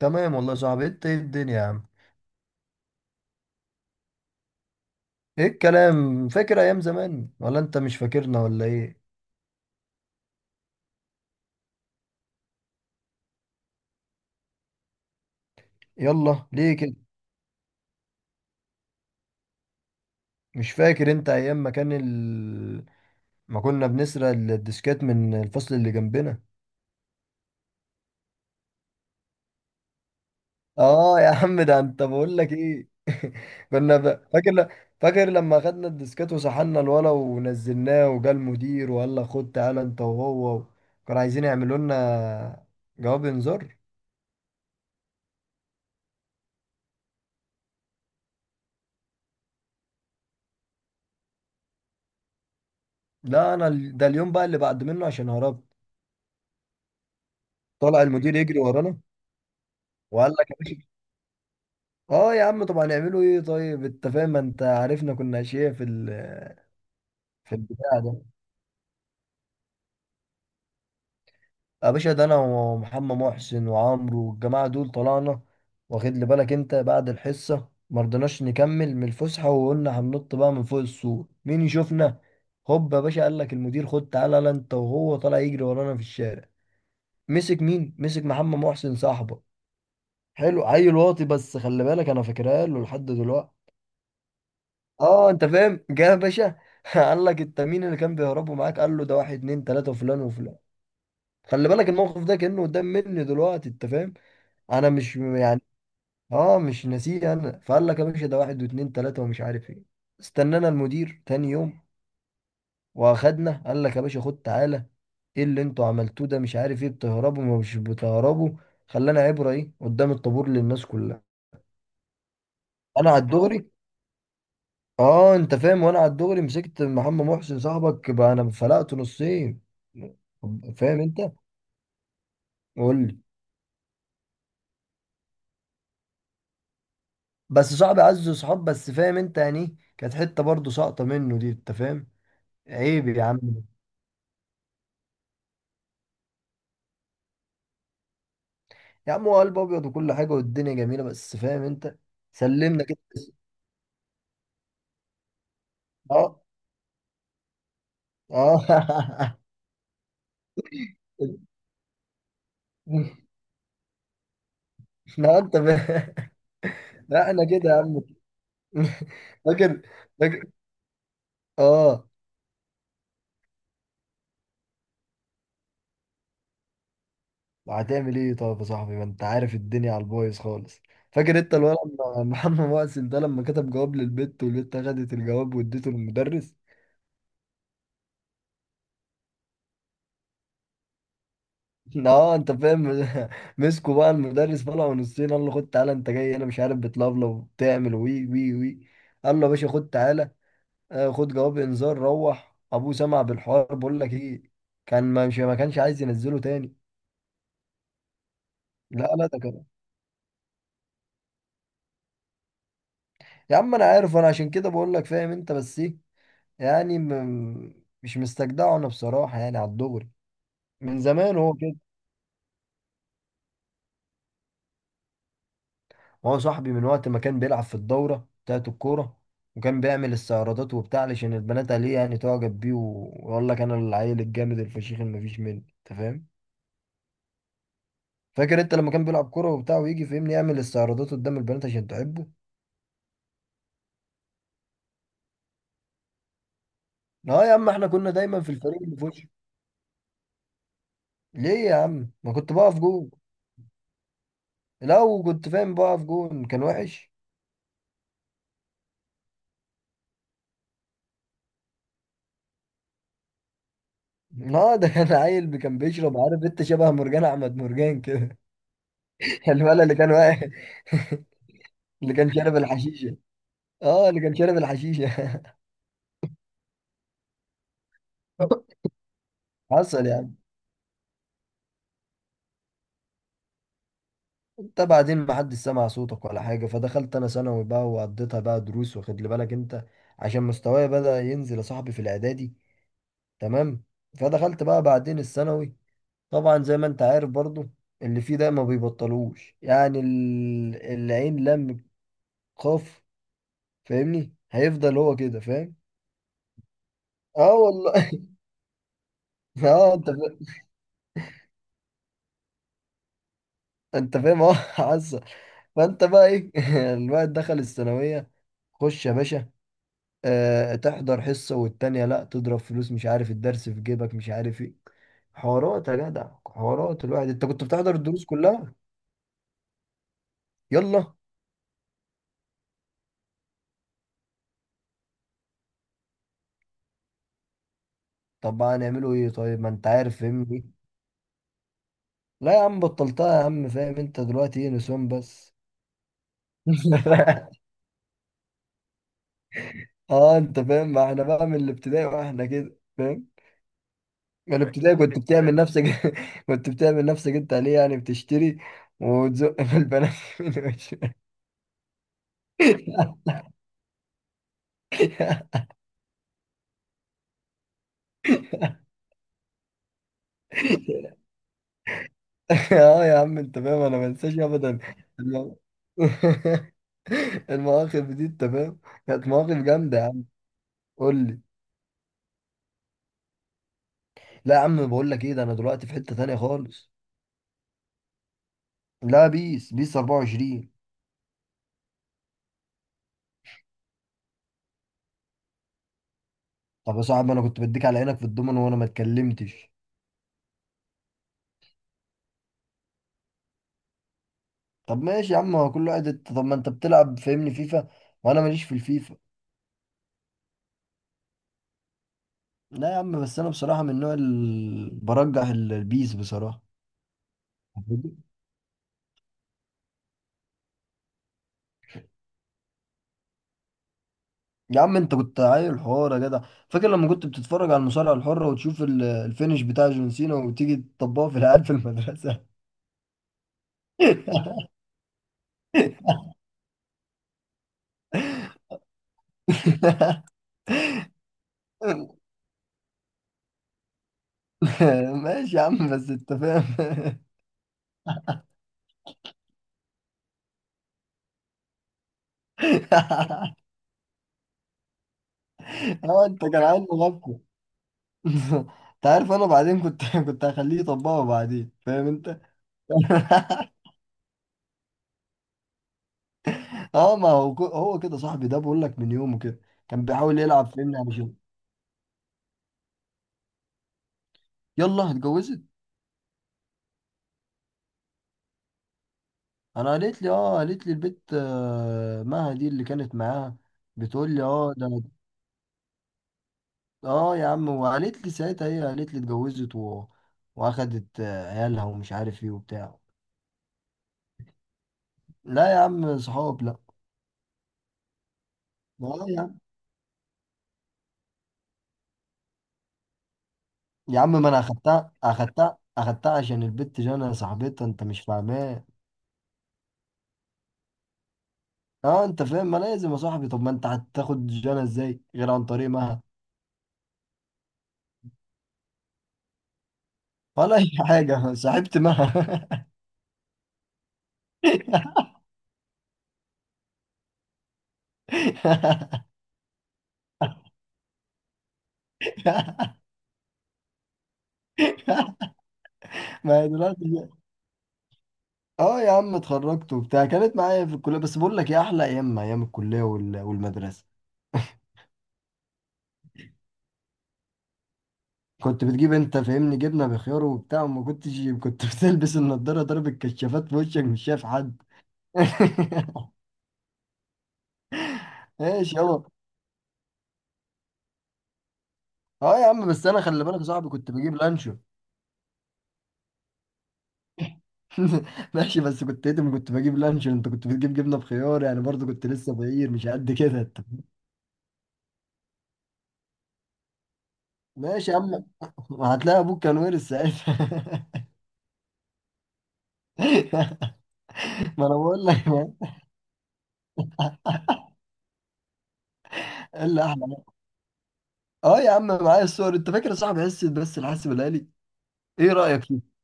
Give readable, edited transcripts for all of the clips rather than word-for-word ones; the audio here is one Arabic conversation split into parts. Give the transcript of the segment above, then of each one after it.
تمام والله يا صاحبي، انت ايه الدنيا يا عم؟ ايه الكلام؟ فاكر ايام زمان ولا انت مش فاكرنا ولا ايه؟ يلا ليه كده؟ مش فاكر انت ايام ما كان ما كنا بنسرق الديسكات من الفصل اللي جنبنا؟ اه يا عم، ده انت بقول لك ايه؟ كنا ب... فاكر ل... فاكر لما خدنا الديسكات وسحلنا الولا ونزلناه وجا المدير وقال لك خد تعالى انت وهو، كانوا عايزين يعملوا لنا جواب انذار. لا انا ده اليوم بقى اللي بعد منه عشان هربت. طلع المدير يجري ورانا وقال لك يا باشا. اه يا عم، طب هنعمله ايه؟ طيب انت فاهم، ما انت عارفنا كنا اشياء في في البتاع ده. يا باشا، ده انا ومحمد محسن وعمرو والجماعه دول طلعنا. واخد لي بالك انت؟ بعد الحصه ما رضيناش نكمل من الفسحه وقلنا هننط بقى من فوق السور، مين يشوفنا؟ هوب يا باشا، قال لك المدير خد تعالى يلا انت وهو، طالع يجري ورانا في الشارع. مسك مين؟ مسك محمد محسن صاحبه. حلو، عيل واطي، بس خلي بالك انا فاكرها له لحد دلوقتي. اه انت فاهم، جه يا باشا قال لك انت مين اللي كان بيهربوا معاك؟ قال له ده واحد اتنين تلاته وفلان وفلان. خلي بالك، الموقف ده كانه قدام مني دلوقتي، انت فاهم، انا مش يعني. اه مش ناسيه انا. فقال لك يا باشا ده واحد واتنين تلاته ومش عارف ايه. استنانا المدير تاني يوم واخدنا، قال لك يا باشا خد تعالى. ايه اللي انتوا عملتوه ده؟ مش عارف ايه، بتهربوا ما مش بتهربوا. خلانا عبره ايه قدام الطابور للناس كلها. انا على الدغري، اه انت فاهم، وانا على الدغري مسكت محمد محسن صاحبك، بقى انا فلقته نصين. فاهم انت؟ قول لي. بس صاحبي عز صحاب، بس فاهم انت يعني ايه؟ كانت حته برضه ساقطه منه دي، انت فاهم. عيب يا عم، يا عم هو قلب ابيض وكل حاجه والدنيا جميله، بس فاهم انت. سلمنا كده بس. اه. اه لا انت فاهم. لا احنا كده يا عم. فاكر. فاكر. اه. هتعمل ايه طيب يا صاحبي؟ ما انت عارف الدنيا على البايظ خالص. فاكر انت الولد محمد مؤسل ده لما كتب جواب للبت والبت خدت الجواب واديته للمدرس؟ اه انت فاهم مسكوا بقى المدرس، طلعوا نصين. قال له خد تعالى انت جاي، انا مش عارف بتلفلف وبتعمل وي وي وي. قال له يا باشا خد تعالى. آه، خد جواب انذار، روح ابوه سمع بالحوار. بقول لك ايه، كان ما مش ما كانش عايز ينزله تاني. لا، لا، ده كده. يا عم انا عارف، انا عشان كده بقول لك فاهم انت. بس ايه يعني مش مستجدعه انا بصراحه يعني على الدغري. من زمان هو كده. هو صاحبي من وقت ما كان بيلعب في الدوره بتاعت الكوره، وكان بيعمل استعراضات وبتاع علشان البنات عليه يعني تعجب بيه ويقول لك انا العيل الجامد الفشيخ اللي مفيش منه، انت فاهم. فاكر انت لما كان بيلعب كوره وبتاع ويجي فهمني يعمل استعراضات قدام البنات عشان تعبه؟ لا يا عم احنا كنا دايما في الفريق اللي في وشه. ليه يا عم؟ ما كنت بقف جون. لا وكنت فاهم بقف جون، كان وحش. اه، ده كان عيل كان بيشرب، عارف انت، شبه مرجان احمد مرجان كده. الولد اللي كان واقع اللي كان شارب الحشيشه. اه اللي كان شارب الحشيشه. حصل يعني. انت بعدين ما حدش سمع صوتك ولا حاجه، فدخلت انا ثانوي بقى وقضيتها بقى دروس، واخد لي بالك انت عشان مستواي بدأ ينزل يا صاحبي في الاعدادي. تمام. فدخلت بقى بعدين الثانوي، طبعا زي ما انت عارف برضو اللي فيه ده ما بيبطلوش، يعني العين لم قاف. فاهمني، هيفضل هو كده، فاهم. اه والله اه انت انت فاهم اه عزه. فانت بقى ايه؟ الواحد دخل الثانويه. خش يا باشا، آه، تحضر حصه والتانيه لا، تضرب فلوس، مش عارف الدرس في جيبك، مش عارف ايه. حوارات يا جدع حوارات. الواحد انت كنت بتحضر الدروس كلها؟ يلا. طب بقى هنعمله ايه طيب؟ ما انت عارف فاهمني. لا يا عم بطلتها يا عم، فاهم انت، دلوقتي ايه، نسوان بس. اه انت فاهم، ما احنا بقى من الابتدائي واحنا كده، فاهم. من الابتدائي كنت بتعمل نفسك كنت بتعمل نفسك انت عليه يعني بتشتري وتزق في البنات من وش. اه يا عم انت فاهم، انا ما انساش ابدا. الم- المواقف دي انت فاهم، كانت مواقف جامده يا عم. قول لي. لا يا عم، بقول لك ايه، ده انا دلوقتي في حته تانية خالص. لا بيس، بيس 24. طب يا صاحبي انا كنت بديك على عينك في الضمن وانا ما اتكلمتش. طب ماشي يا عم، هو كل واحد، طب ما انت بتلعب فاهمني فيفا وانا ماليش في الفيفا. لا يا عم بس انا بصراحه من النوع اللي برجح البيس بصراحه. يا عم انت كنت عيل حوار يا جدع. فاكر لما كنت بتتفرج على المصارعه الحره وتشوف الفينش بتاع جون سينا وتيجي تطبقه في العيال في المدرسه؟ ماشي يا عم، بس انت فاهم اه انت كان عيل مغفل. انت عارف انا بعدين كنت كنت هخليه يطبقه بعدين، فاهم انت. اه، ما هو هو كده صاحبي ده، بقول لك من يومه كده كان بيحاول يلعب فيني على. يلا اتجوزت. انا قالت لي اه، قالت لي البت، آه، مها دي اللي كانت معاها، بتقول لي اه ده اه يا عم. وقالت لي ساعتها، هي قالت لي واخدت آه، عيالها ومش عارف ايه وبتاع. لا يا عم، صحاب لا. لا يا عم، يا عم ما انا اخدتها اخدتها اخدتها عشان البت جانا صاحبتها، انت مش فاهماه. اه انت فاهم، ما لازم يا صاحبي، طب ما انت هتاخد جانا ازاي غير عن طريق مها؟ ولا اي حاجه، صاحبت مها. ما هي دلوقتي. اه يا عم اتخرجت وبتاع، كانت معايا في الكليه، بس بقول لك يا احلى ايام ايام الكليه والمدرسه. كنت بتجيب انت فاهمني جبنه بخيار وبتاع وما كنتش كنت بتلبس النضاره، ضرب الكشافات في وشك مش شايف حد ايش يابا، اه يا عم بس انا خلي بالك يا صاحبي كنت بجيب لانشو ماشي بس كنت ايتم، كنت بجيب لانشو، انت كنت بتجيب جبنه بخيار، يعني برضه كنت لسه فقير مش قد كده انت. ماشي يا عم هتلاقي ابوك كان وارث ساعتها. ما انا بقول لك ايه اللي احلى. اه يا عم معايا الصور، انت فاكر صاحب حصه بس الحاسب الالي؟ ايه رايك فيه؟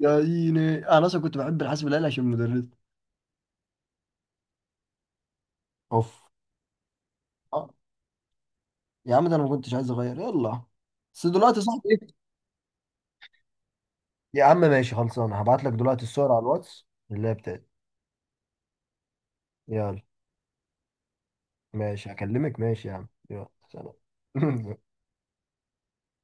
يا ديني انا اصلا كنت بحب الحاسب الالي عشان المدرس. اوف. اه يا عم ده انا ما كنتش عايز اغير، يلا. بس دلوقتي صاحب ايه؟ يا عم ماشي خلصان، هبعت لك دلوقتي الصور على الواتس اللي هي بتاعتي. يلا. ماشي هكلمك، ماشي يا عم يلا سلام.